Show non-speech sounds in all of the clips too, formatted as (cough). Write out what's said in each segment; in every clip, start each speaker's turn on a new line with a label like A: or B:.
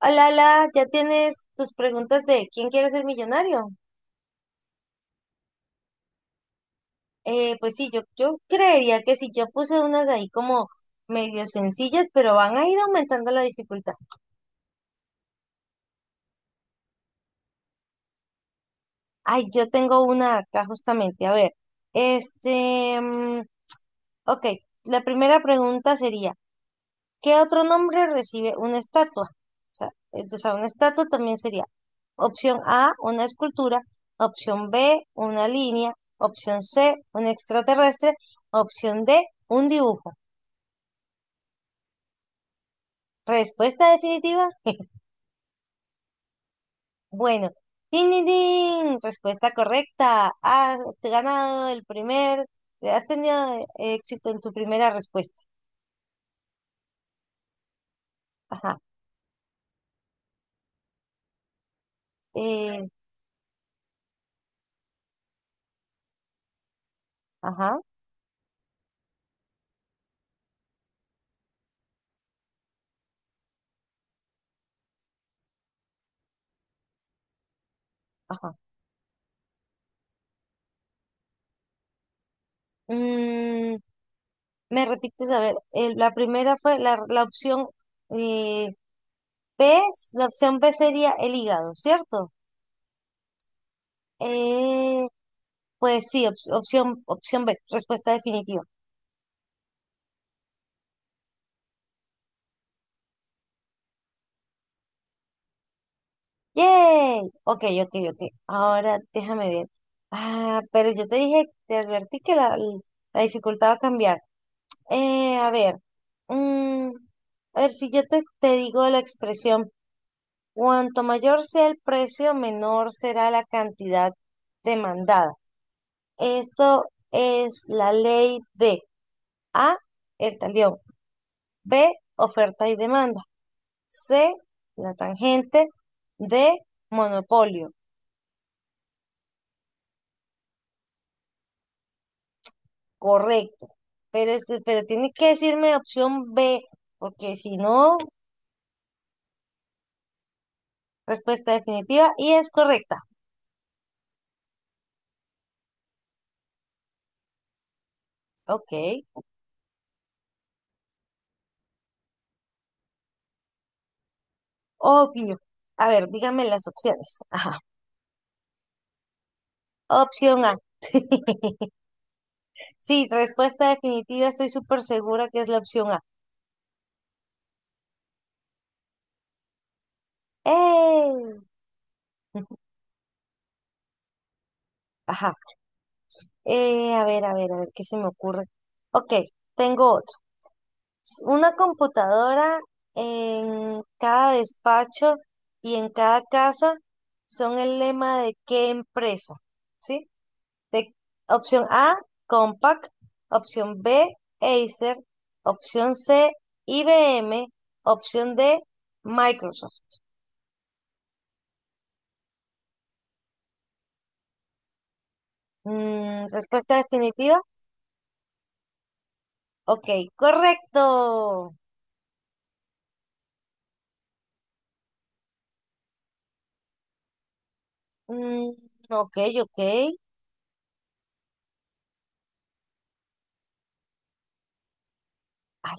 A: Hola, hola, ya tienes tus preguntas de quién quiere ser millonario. Pues sí, yo creería que sí, yo puse unas ahí como medio sencillas, pero van a ir aumentando la dificultad. Ay, yo tengo una acá justamente. A ver, este, mm, ok, la primera pregunta sería, ¿qué otro nombre recibe una estatua? O sea, una estatua también sería opción A, una escultura. Opción B, una línea. Opción C, un extraterrestre. Opción D, un dibujo. Respuesta definitiva. (laughs) Bueno, ¡tin, tin, tin! Respuesta correcta. Has tenido éxito en tu primera respuesta. Ajá, eh, ajá, ajá. Mm, me repites, a ver, la primera fue la opción eh, B, la opción B sería el hígado, ¿cierto? Eh, pues sí, opción B, respuesta definitiva. ¡Yay! Ok, ok, ok. Ahora déjame ver. Ah, pero yo te dije, te advertí que la dificultad va a cambiar. Eh, a ver, mm, a ver, si yo te digo la expresión, cuanto mayor sea el precio, menor será la cantidad demandada. Esto es la ley de A, el talión; B, oferta y demanda; C, la tangente de monopolio. Correcto. Pero, pero tiene que decirme opción B, porque si no, respuesta definitiva y es correcta. Ok, obvio. A ver, dígame las opciones. Ajá. Opción A. (laughs) Sí, respuesta definitiva, estoy súper segura que es la opción A. ¡Ey! (laughs) Ajá. A ver, a ver, a ver, ¿qué se me ocurre? Ok, tengo otra. Una computadora en cada despacho y en cada casa son el lema de qué empresa, ¿sí? De opción A, Compaq; opción B, Acer; opción C, IBM; opción D, Microsoft. Mm, respuesta definitiva. Ok, correcto. Mm, ok, ok. Ay,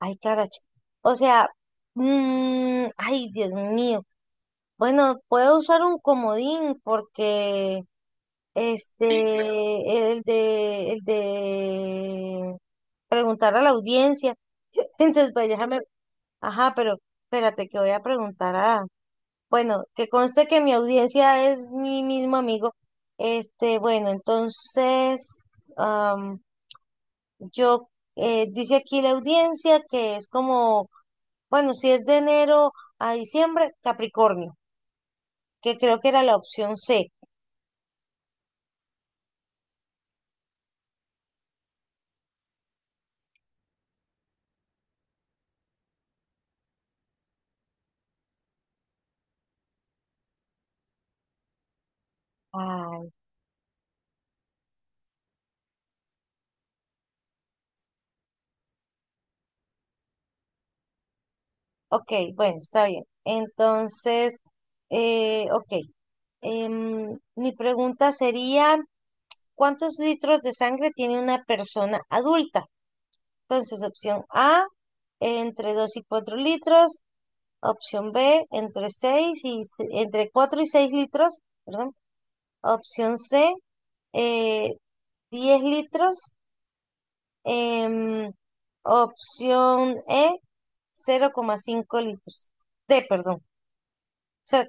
A: ay, caracha. O sea, mm, ay, Dios mío. Bueno, puedo usar un comodín porque sí, claro, el de preguntar a la audiencia. (laughs) Entonces, pues déjame, ajá, pero espérate que voy a preguntar a, bueno, que conste que mi audiencia es mi mismo amigo. Bueno, entonces, am, yo, dice aquí la audiencia que es como, bueno, si es de enero a diciembre, Capricornio, que creo que era la opción C. Ay, ok, bueno, está bien. Entonces, ok, mi pregunta sería, ¿cuántos litros de sangre tiene una persona adulta? Entonces, opción A, entre 2 y 4 litros. Opción B, entre 6 y, entre 4 y 6 litros, perdón. Opción C, eh, 10 litros. Em, Opción E, cero coma cinco litros. D, perdón. O sea,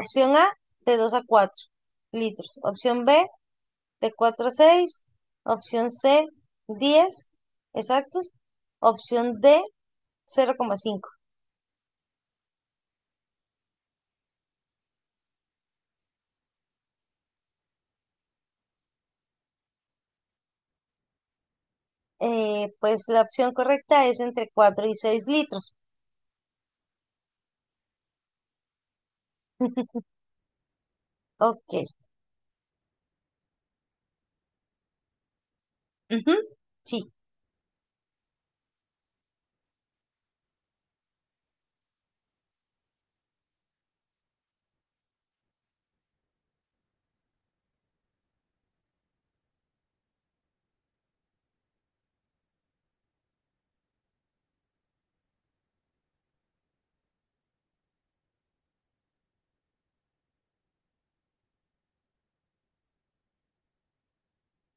A: opción A, de 2 a 4 litros. Opción B, de 4 a seis. Opción C, 10 exactos. Opción D, 0,5. Pues la opción correcta es entre 4 y 6 litros. (laughs) Ok. Ujú, sí.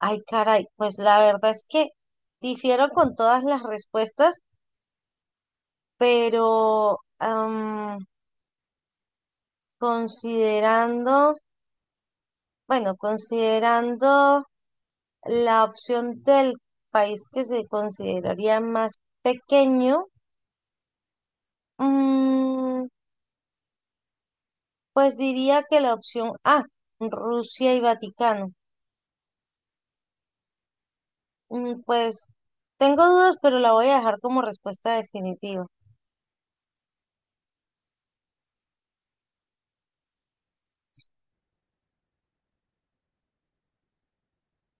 A: Ay, caray. Pues la verdad es que difiero con todas las respuestas, pero considerando, bueno, considerando la opción del país que se consideraría más pequeño, mm, pues diría que la opción A, Rusia y Vaticano. Mm, pues tengo dudas, pero la voy a dejar como respuesta definitiva.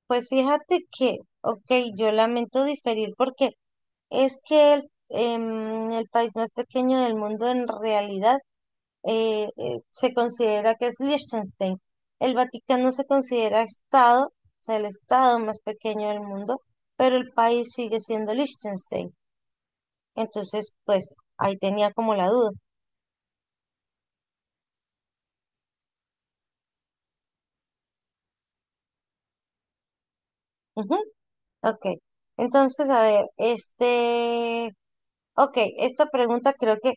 A: Pues fíjate que, ok, yo lamento diferir porque es que el país más pequeño del mundo en realidad se considera que es Liechtenstein. El Vaticano se considera Estado, o sea, el Estado más pequeño del mundo, pero el país sigue siendo Liechtenstein. Entonces, pues ahí tenía como la duda. Ujú, ok. Entonces, a ver, ok, esta pregunta creo que,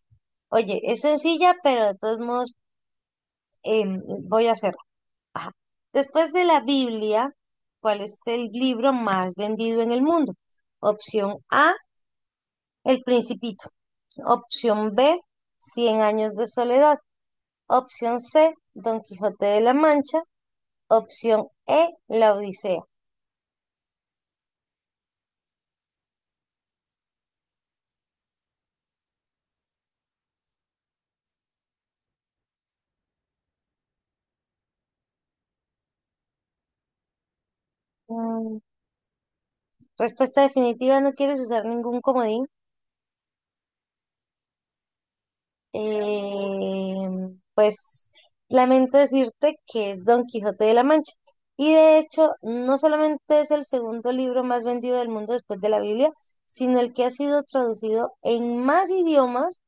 A: oye, es sencilla, pero de todos modos em, voy a hacerla. Ajá. Después de la Biblia, ¿cuál es el libro más vendido en el mundo? Opción A, El Principito. Opción B, Cien años de soledad. Opción C, Don Quijote de la Mancha. Opción E, La Odisea. Mm, respuesta definitiva, no quieres usar ningún comodín. Eh, pues lamento decirte que es Don Quijote de la Mancha. Y de hecho, no solamente es el segundo libro más vendido del mundo después de la Biblia, sino el que ha sido traducido en más idiomas,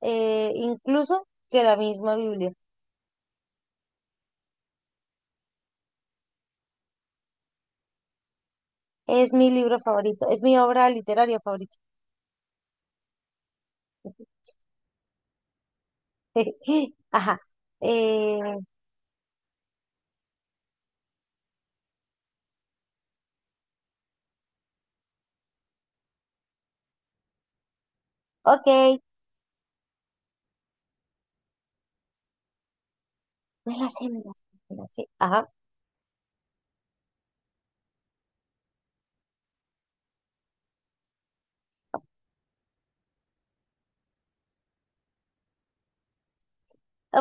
A: incluso que la misma Biblia. Es mi libro favorito, es mi obra literaria favorita. (laughs) Ajá. Eh, ok, me la sé, me la sé, me la sé. Ajá.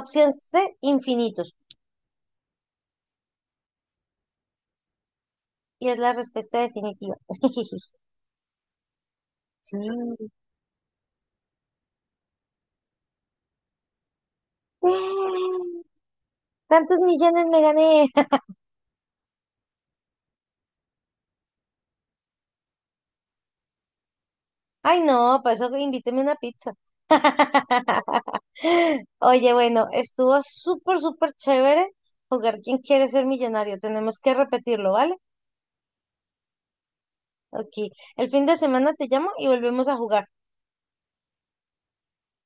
A: Opción C, infinitos. Y es la respuesta definitiva. (laughs) Sí. (gasps) ¡Eh! ¿Cuántos millones me gané? (laughs) Ay, no, para eso invíteme una pizza. (laughs) Oye, bueno, estuvo súper, súper chévere jugar ¿Quién quiere ser millonario? Tenemos que repetirlo, ¿vale? Ok. El fin de semana te llamo y volvemos a jugar.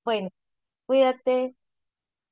A: Bueno. Cuídate.